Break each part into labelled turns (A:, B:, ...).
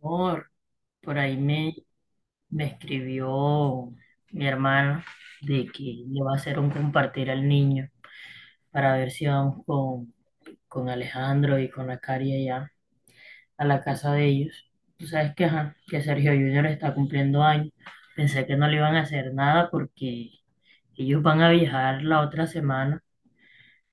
A: Por, por ahí me escribió mi hermana de que le va a hacer un compartir al niño para ver si vamos con Alejandro y con la Cari allá a la casa de ellos. Tú sabes que, ajá, que Sergio Junior está cumpliendo años. Pensé que no le iban a hacer nada porque ellos van a viajar la otra semana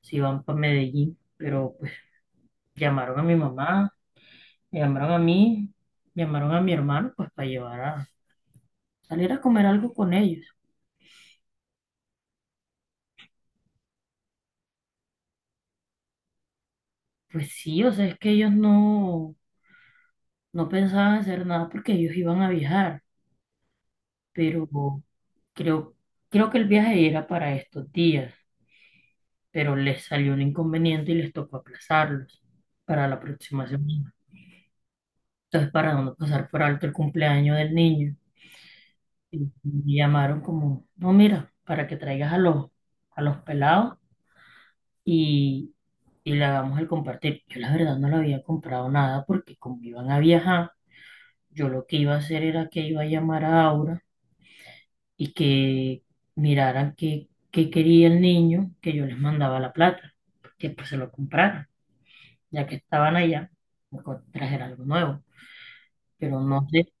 A: si van para Medellín. Pero pues llamaron a mi mamá, me llamaron a mí, llamaron a mi hermano pues para llevar a salir a comer algo con ellos. Pues sí, o sea, es que ellos no pensaban hacer nada porque ellos iban a viajar, pero creo, creo que el viaje era para estos días, pero les salió un inconveniente y les tocó aplazarlos para la próxima semana. Entonces, para no pasar por alto el cumpleaños del niño, y me llamaron como, no, mira, para que traigas a los pelados y, y le hagamos el compartir. Yo la verdad no le había comprado nada porque como iban a viajar, yo lo que iba a hacer era que iba a llamar a Aura y que miraran qué quería el niño, que yo les mandaba la plata, que pues se lo compraran, ya que estaban allá, trajer algo nuevo, pero no sé,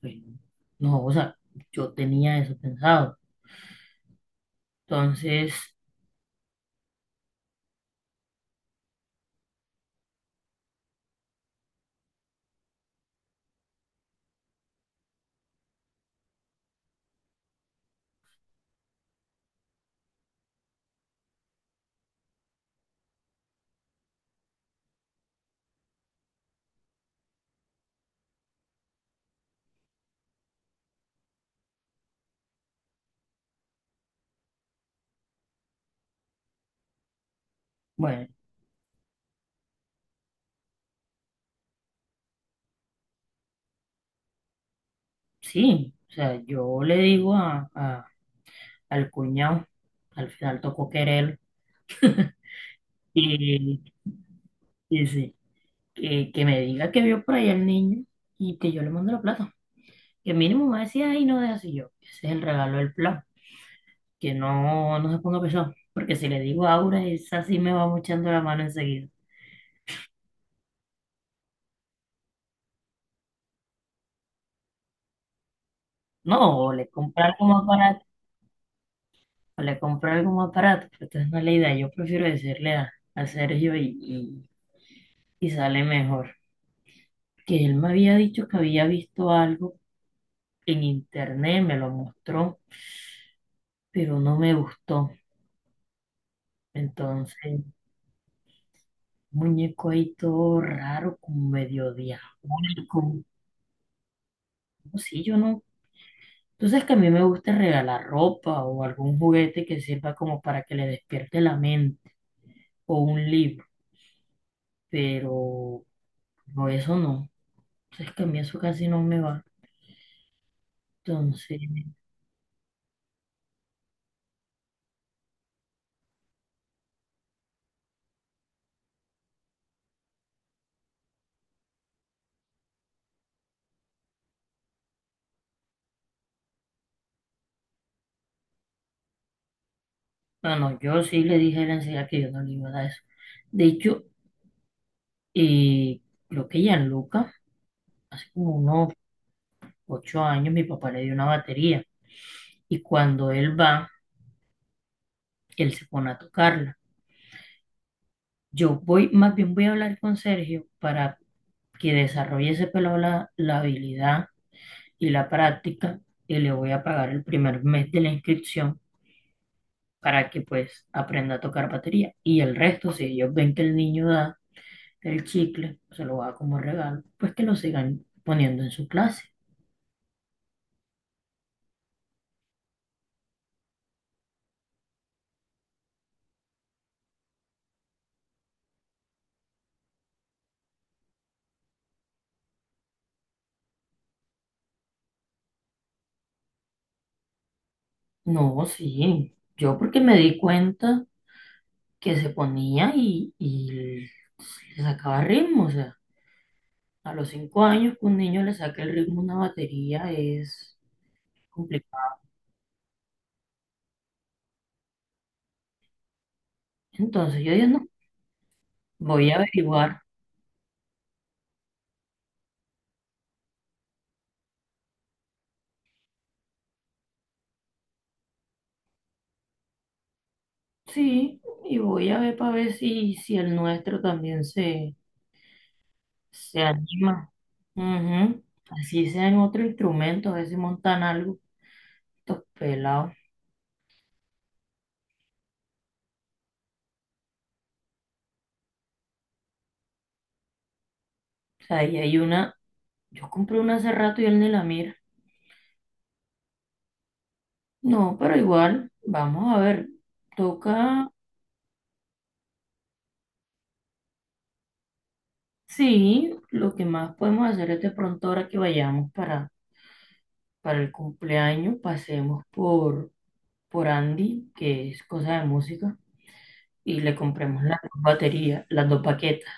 A: pues, no, o sea, yo tenía eso pensado. Entonces, bueno, sí, o sea, yo le digo al cuñado, al final tocó querer, y, y sí, que me diga que vio por ahí al niño y que yo le mando la plata. Que mínimo me decía, ay, no es así yo. Ese es el regalo del plan. Que no, no se ponga pesado, porque si le digo a Aura, esa sí me va muchando la mano enseguida. No, o le compra algo más barato, pero entonces no es la idea, yo prefiero decirle a Sergio y sale mejor. Que él me había dicho que había visto algo en internet, me lo mostró, pero no me gustó. Entonces, muñeco ahí todo raro, como medio diabólico. No, sí, yo no. Tú sabes que a mí me gusta regalar ropa o algún juguete que sirva como para que le despierte la mente o un libro, pero no, eso no. Entonces que a mí eso casi no me va. Entonces, bueno, yo sí le dije a él enseguida que yo no le iba a dar eso. De hecho, eh, creo que Gianluca, hace como unos 8 años, mi papá le dio una batería y cuando él va, él se pone a tocarla. Yo voy, más bien voy a hablar con Sergio para que desarrolle ese pelado la habilidad y la práctica y le voy a pagar el primer mes de la inscripción para que pues aprenda a tocar batería. Y el resto, si ellos ven que el niño da el chicle, se lo da como regalo, pues que lo sigan poniendo en su clase. No, sí, yo porque me di cuenta que se ponía y le sacaba ritmo, o sea, a los 5 años que un niño le saque el ritmo a una batería es complicado. Entonces yo dije, no, voy a averiguar. Sí, y voy a ver para ver si el nuestro también se anima. Ujú. Así sea en otro instrumento, a ver si montan algo. Estos pelados. O sea, ahí hay una. Yo compré una hace rato y él ni la mira. No, pero igual, vamos a ver. Toca. Sí, lo que más podemos hacer es de pronto ahora que vayamos para el cumpleaños, pasemos por Andy, que es cosa de música, y le compremos las dos baterías, las dos baquetas.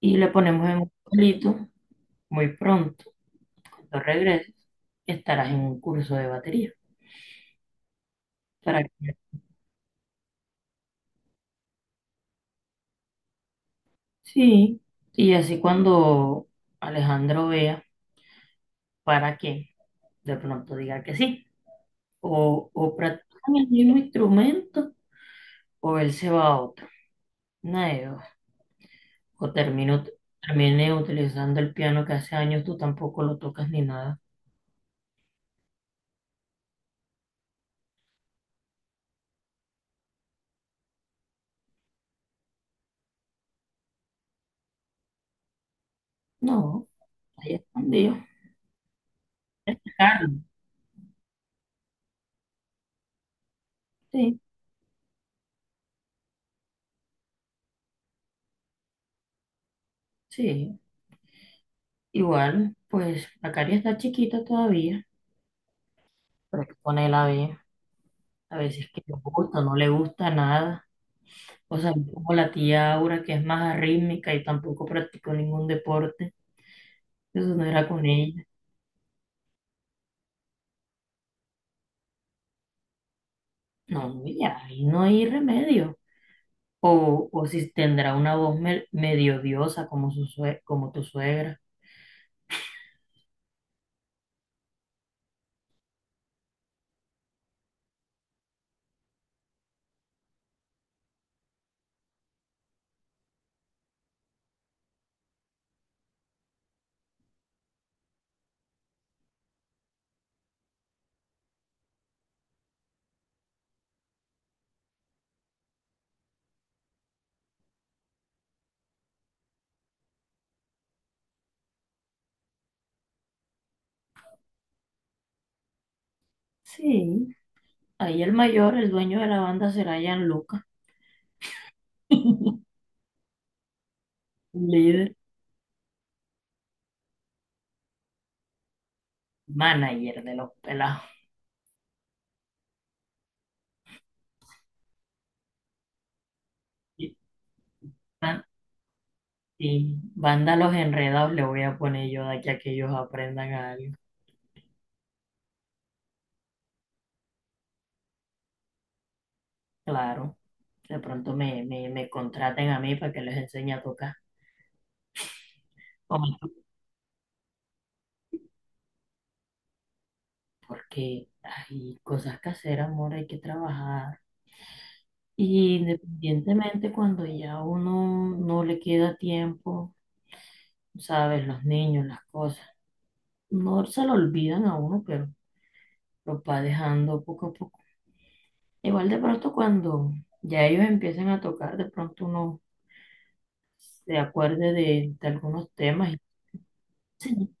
A: Y le ponemos en un palito, muy pronto, cuando regreses, estarás en un curso de batería. ¿Para qué? Sí, y así cuando Alejandro vea para qué, de pronto diga que sí. O practican el mismo instrumento o él se va a otro. Una de dos. O termino, Termine utilizando el piano que hace años tú tampoco lo tocas ni nada. No, ahí escondido. Claro, sí, sí. Igual, pues la cari está chiquita todavía. Pero es que con a ver, a veces que le gusta, no le gusta nada. O sea, no como la tía Aura, que es más arrítmica y tampoco practicó ningún deporte, eso no era con ella. No, ya, ahí no hay remedio. O si tendrá una voz medio diosa como, como tu suegra. Sí, ahí el mayor, el dueño de la banda será Gianluca, líder, manager de los pelados. Y ban- y banda Los Enredados le voy a poner yo de aquí a que ellos aprendan algo. Claro, de pronto me contraten a mí para que les enseñe a tocar. Hombre, porque hay cosas que hacer, amor, hay que trabajar. Y independientemente cuando ya uno no le queda tiempo, sabes, los niños, las cosas, no se lo olvidan a uno, pero lo va dejando poco a poco. Igual de pronto cuando ya ellos empiecen a tocar, de pronto uno se acuerde de algunos temas y sí,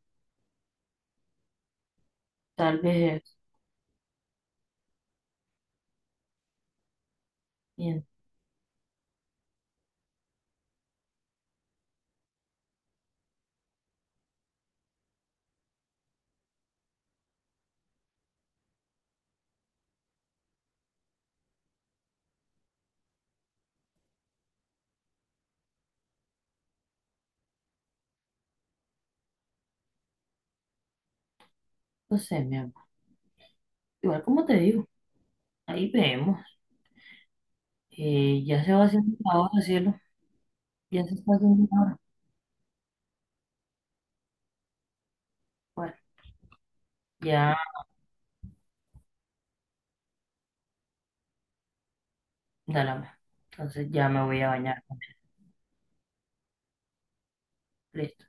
A: tal vez eso. Y entonces, mi amor, igual como te digo. Ahí vemos. Ya se va haciendo la hora, cielo. Ya se está haciendo la hora. Bueno, ya, dale. Entonces ya me voy a bañar. Listo.